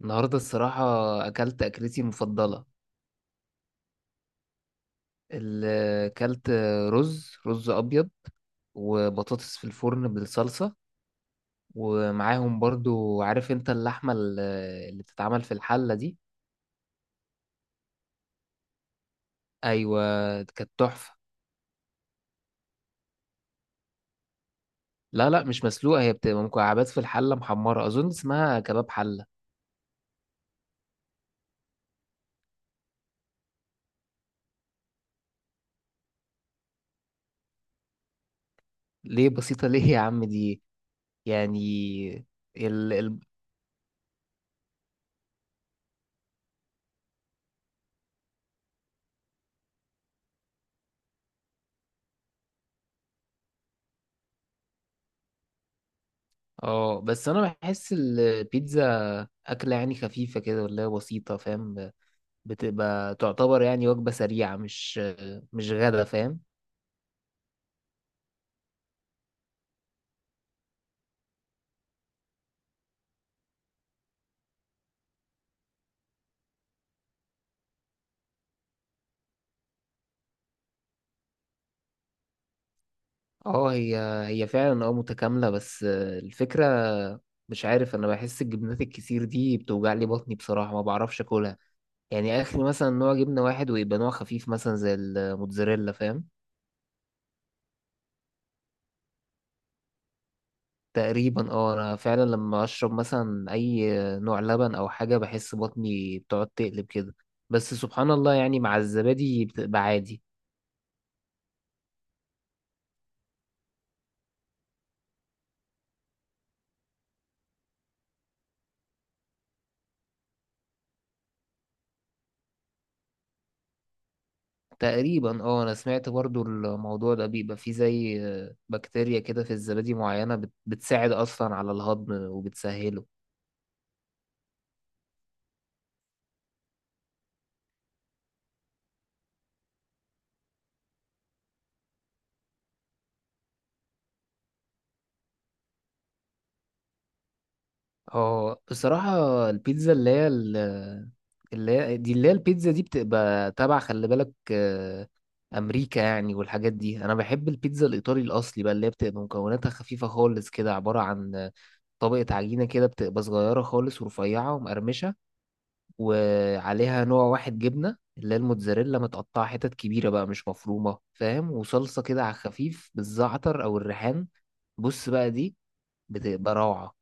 النهاردة الصراحة أكلت أكلتي المفضلة. ال- أكلت رز أبيض وبطاطس في الفرن بالصلصة، ومعاهم برضو عارف أنت اللحمة اللي بتتعمل في الحلة دي. أيوة كانت تحفة. لا لا مش مسلوقة، هي بتبقى مكعبات في الحلة محمرة، أظن اسمها كباب حلة. ليه بسيطة ليه يا عم دي يعني. ال ال اه بس أنا بحس البيتزا أكلة يعني خفيفة كده ولا بسيطة، فاهم؟ بتبقى تعتبر يعني وجبة سريعة، مش غدا، فاهم؟ اه هي، هي فعلا اه متكاملة، بس الفكرة مش عارف، انا بحس الجبنات الكتير دي بتوجع لي بطني بصراحة، ما بعرفش اكلها. يعني اخري مثلا نوع جبنة واحد ويبقى نوع خفيف مثلا زي الموتزاريلا، فاهم؟ تقريبا اه، انا فعلا لما اشرب مثلا اي نوع لبن او حاجة بحس بطني بتقعد تقلب كده. بس سبحان الله يعني مع الزبادي بتبقى عادي. تقريبا اه، انا سمعت برضو الموضوع ده بيبقى فيه زي بكتيريا كده في الزبادي معينة بتساعد اصلا على الهضم وبتسهله. اه بصراحة البيتزا اللي هي دي، اللي هي البيتزا دي بتبقى تبع خلي بالك امريكا يعني والحاجات دي. انا بحب البيتزا الايطالي الاصلي بقى اللي هي بتبقى مكوناتها خفيفة خالص كده، عبارة عن طبقة عجينة كده بتبقى صغيرة خالص ورفيعة ومقرمشة، وعليها نوع واحد جبنة اللي هي الموتزاريلا متقطعة حتت كبيرة بقى مش مفرومة فاهم، وصلصة كده على الخفيف بالزعتر أو الريحان. بص بقى دي بتبقى روعة.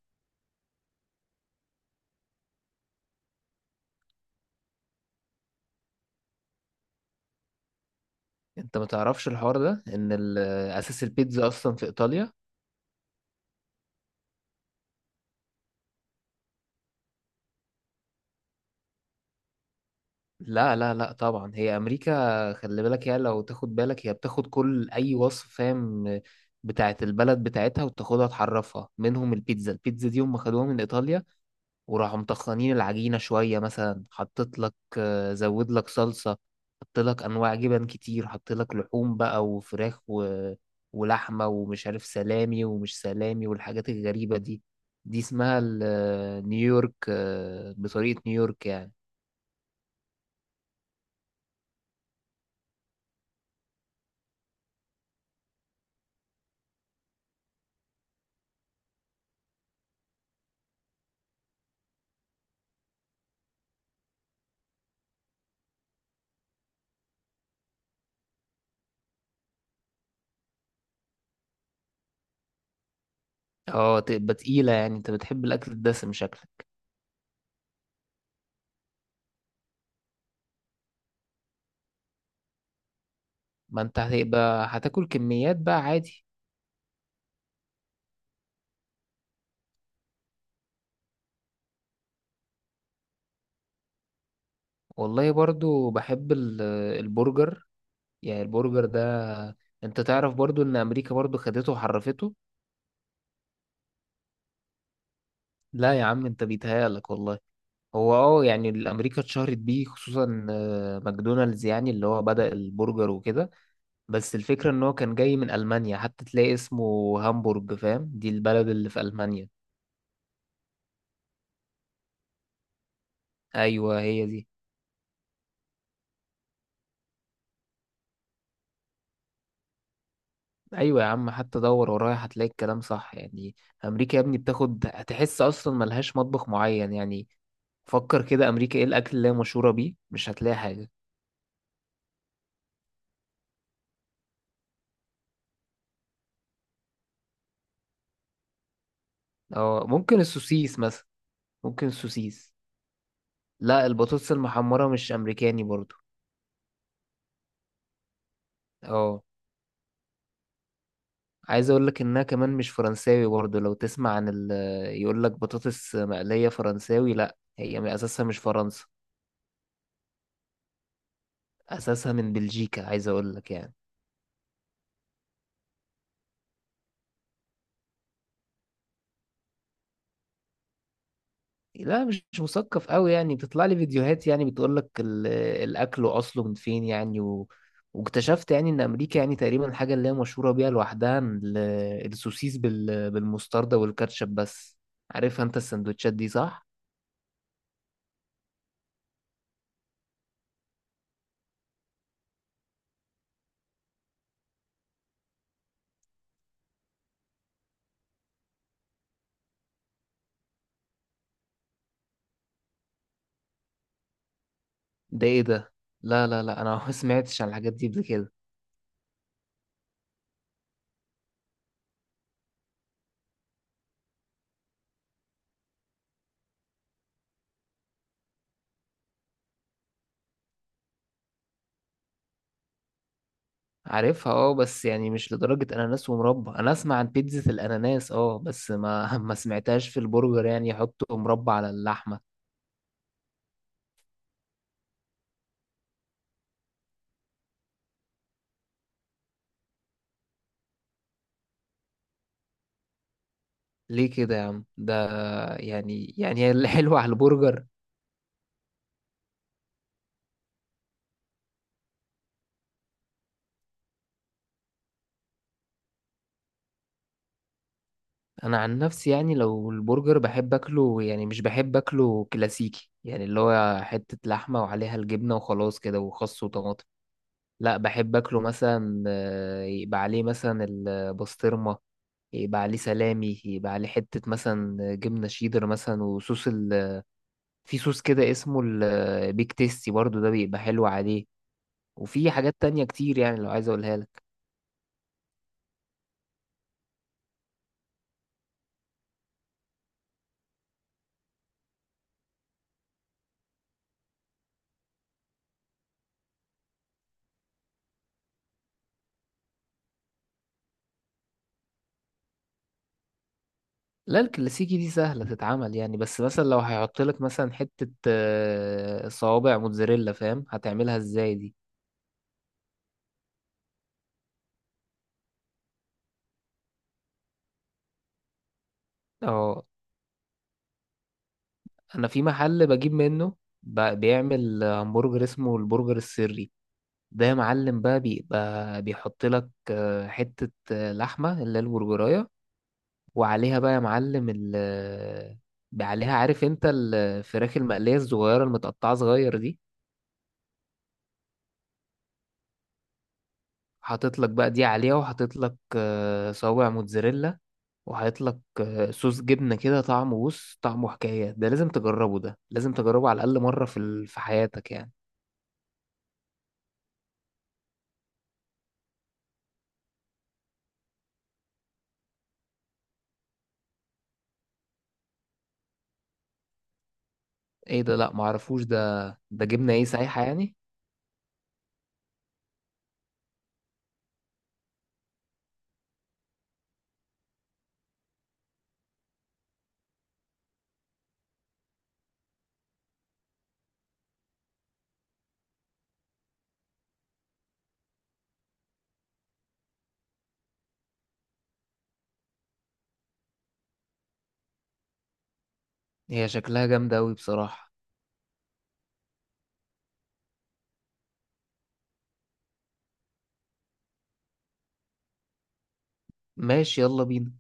انت ما تعرفش الحوار ده ان اساس البيتزا اصلا في ايطاليا. لا لا لا طبعا هي امريكا خلي بالك، هي لو تاخد بالك هي بتاخد كل اي وصف فاهم بتاعت البلد بتاعتها وتاخدها تحرفها منهم. البيتزا، دي هم خدوها من ايطاليا وراحوا مطخنين العجينة شوية، مثلا حطيت لك زود لك صلصة، حط لك أنواع جبن كتير، حط لك لحوم بقى وفراخ ولحمة ومش عارف سلامي ومش سلامي والحاجات الغريبة دي. دي اسمها نيويورك، بطريقة نيويورك يعني. اه تبقى تقيلة يعني، انت بتحب الأكل الدسم شكلك. ما انت هتبقى هتاكل كميات بقى عادي. والله برضو بحب البرجر. يعني البرجر ده انت تعرف برضو ان امريكا برضو خدته وحرفته. لا يا عم انت بيتهيألك والله. هو اه يعني الامريكا اتشهرت بيه خصوصا ماكدونالدز، يعني اللي هو بدأ البرجر وكده. بس الفكرة ان هو كان جاي من المانيا، حتى تلاقي اسمه هامبورج فاهم، دي البلد اللي في المانيا. ايوه هي دي. ايوه يا عم حتى دور ورايا هتلاقي الكلام صح يعني. امريكا يا ابني بتاخد، هتحس اصلا ملهاش مطبخ معين يعني. فكر كده، امريكا ايه الاكل اللي هي مشهورة بيه؟ مش هتلاقي حاجة. اه ممكن السوسيس مثلا. ممكن السوسيس. لا البطاطس المحمرة مش أمريكاني برضو. اه عايز اقول لك انها كمان مش فرنساوي برضو. لو تسمع عن ال يقول لك بطاطس مقلية فرنساوي، لا هي من اساسها مش فرنسا. اساسها من بلجيكا عايز اقول لك يعني. لا مش مثقف قوي يعني، بتطلع لي فيديوهات يعني بتقول لك الاكل واصله من فين يعني واكتشفت يعني ان امريكا يعني تقريبا الحاجه اللي هي مشهوره بيها لوحدها السوسيس بالمستردة والكاتشب بس. عارفها انت السندوتشات دي، صح؟ ده ايه ده؟ لا لا لا، انا ما سمعتش عن الحاجات دي قبل كده. عارفها اه، بس يعني مش لدرجه اناناس ومربى. انا اسمع عن بيتزا الاناناس اه، بس ما ما سمعتهاش في البرجر، يعني يحطوا مربى على اللحمه. ليه كده يا عم ده، يعني يعني الحلو على البرجر؟ انا عن نفسي يعني لو البرجر بحب اكله، يعني مش بحب اكله كلاسيكي يعني اللي هو حتة لحمة وعليها الجبنة وخلاص كده وخس وطماطم. لا بحب اكله مثلا يبقى عليه مثلا البسطرمة، يبقى عليه سلامي، يبقى عليه حتة مثلا جبنة شيدر مثلا، وصوص في صوص كده اسمه البيك تيستي برضو، ده بيبقى حلو عليه. وفي حاجات تانية كتير يعني لو عايز اقولها لك. لا الكلاسيكي دي سهلة تتعمل يعني، بس مثلا لو هيحط لك مثلا حتة صوابع موتزاريلا فاهم، هتعملها ازاي دي؟ اه انا في محل بجيب منه، بيعمل همبرجر اسمه البرجر السري. ده يا معلم بقى بيبقى بيحط لك حتة لحمة اللي هي البرجراية، وعليها بقى يا معلم ال آه، عليها عارف انت الفراخ المقلية الصغيرة المتقطعة صغير دي. حاطط لك بقى دي عليها، وحاطط لك صوابع موتزاريلا، وحاطط لك صوص جبنة كده طعمه، بص طعمه حكاية. ده لازم تجربه، ده لازم تجربه على الأقل مرة في حياتك يعني. ايه ده؟ لا معرفوش ده. ده جبنة ايه، سايحة يعني؟ هي شكلها جامدة أوي بصراحة. ماشي يلا بينا.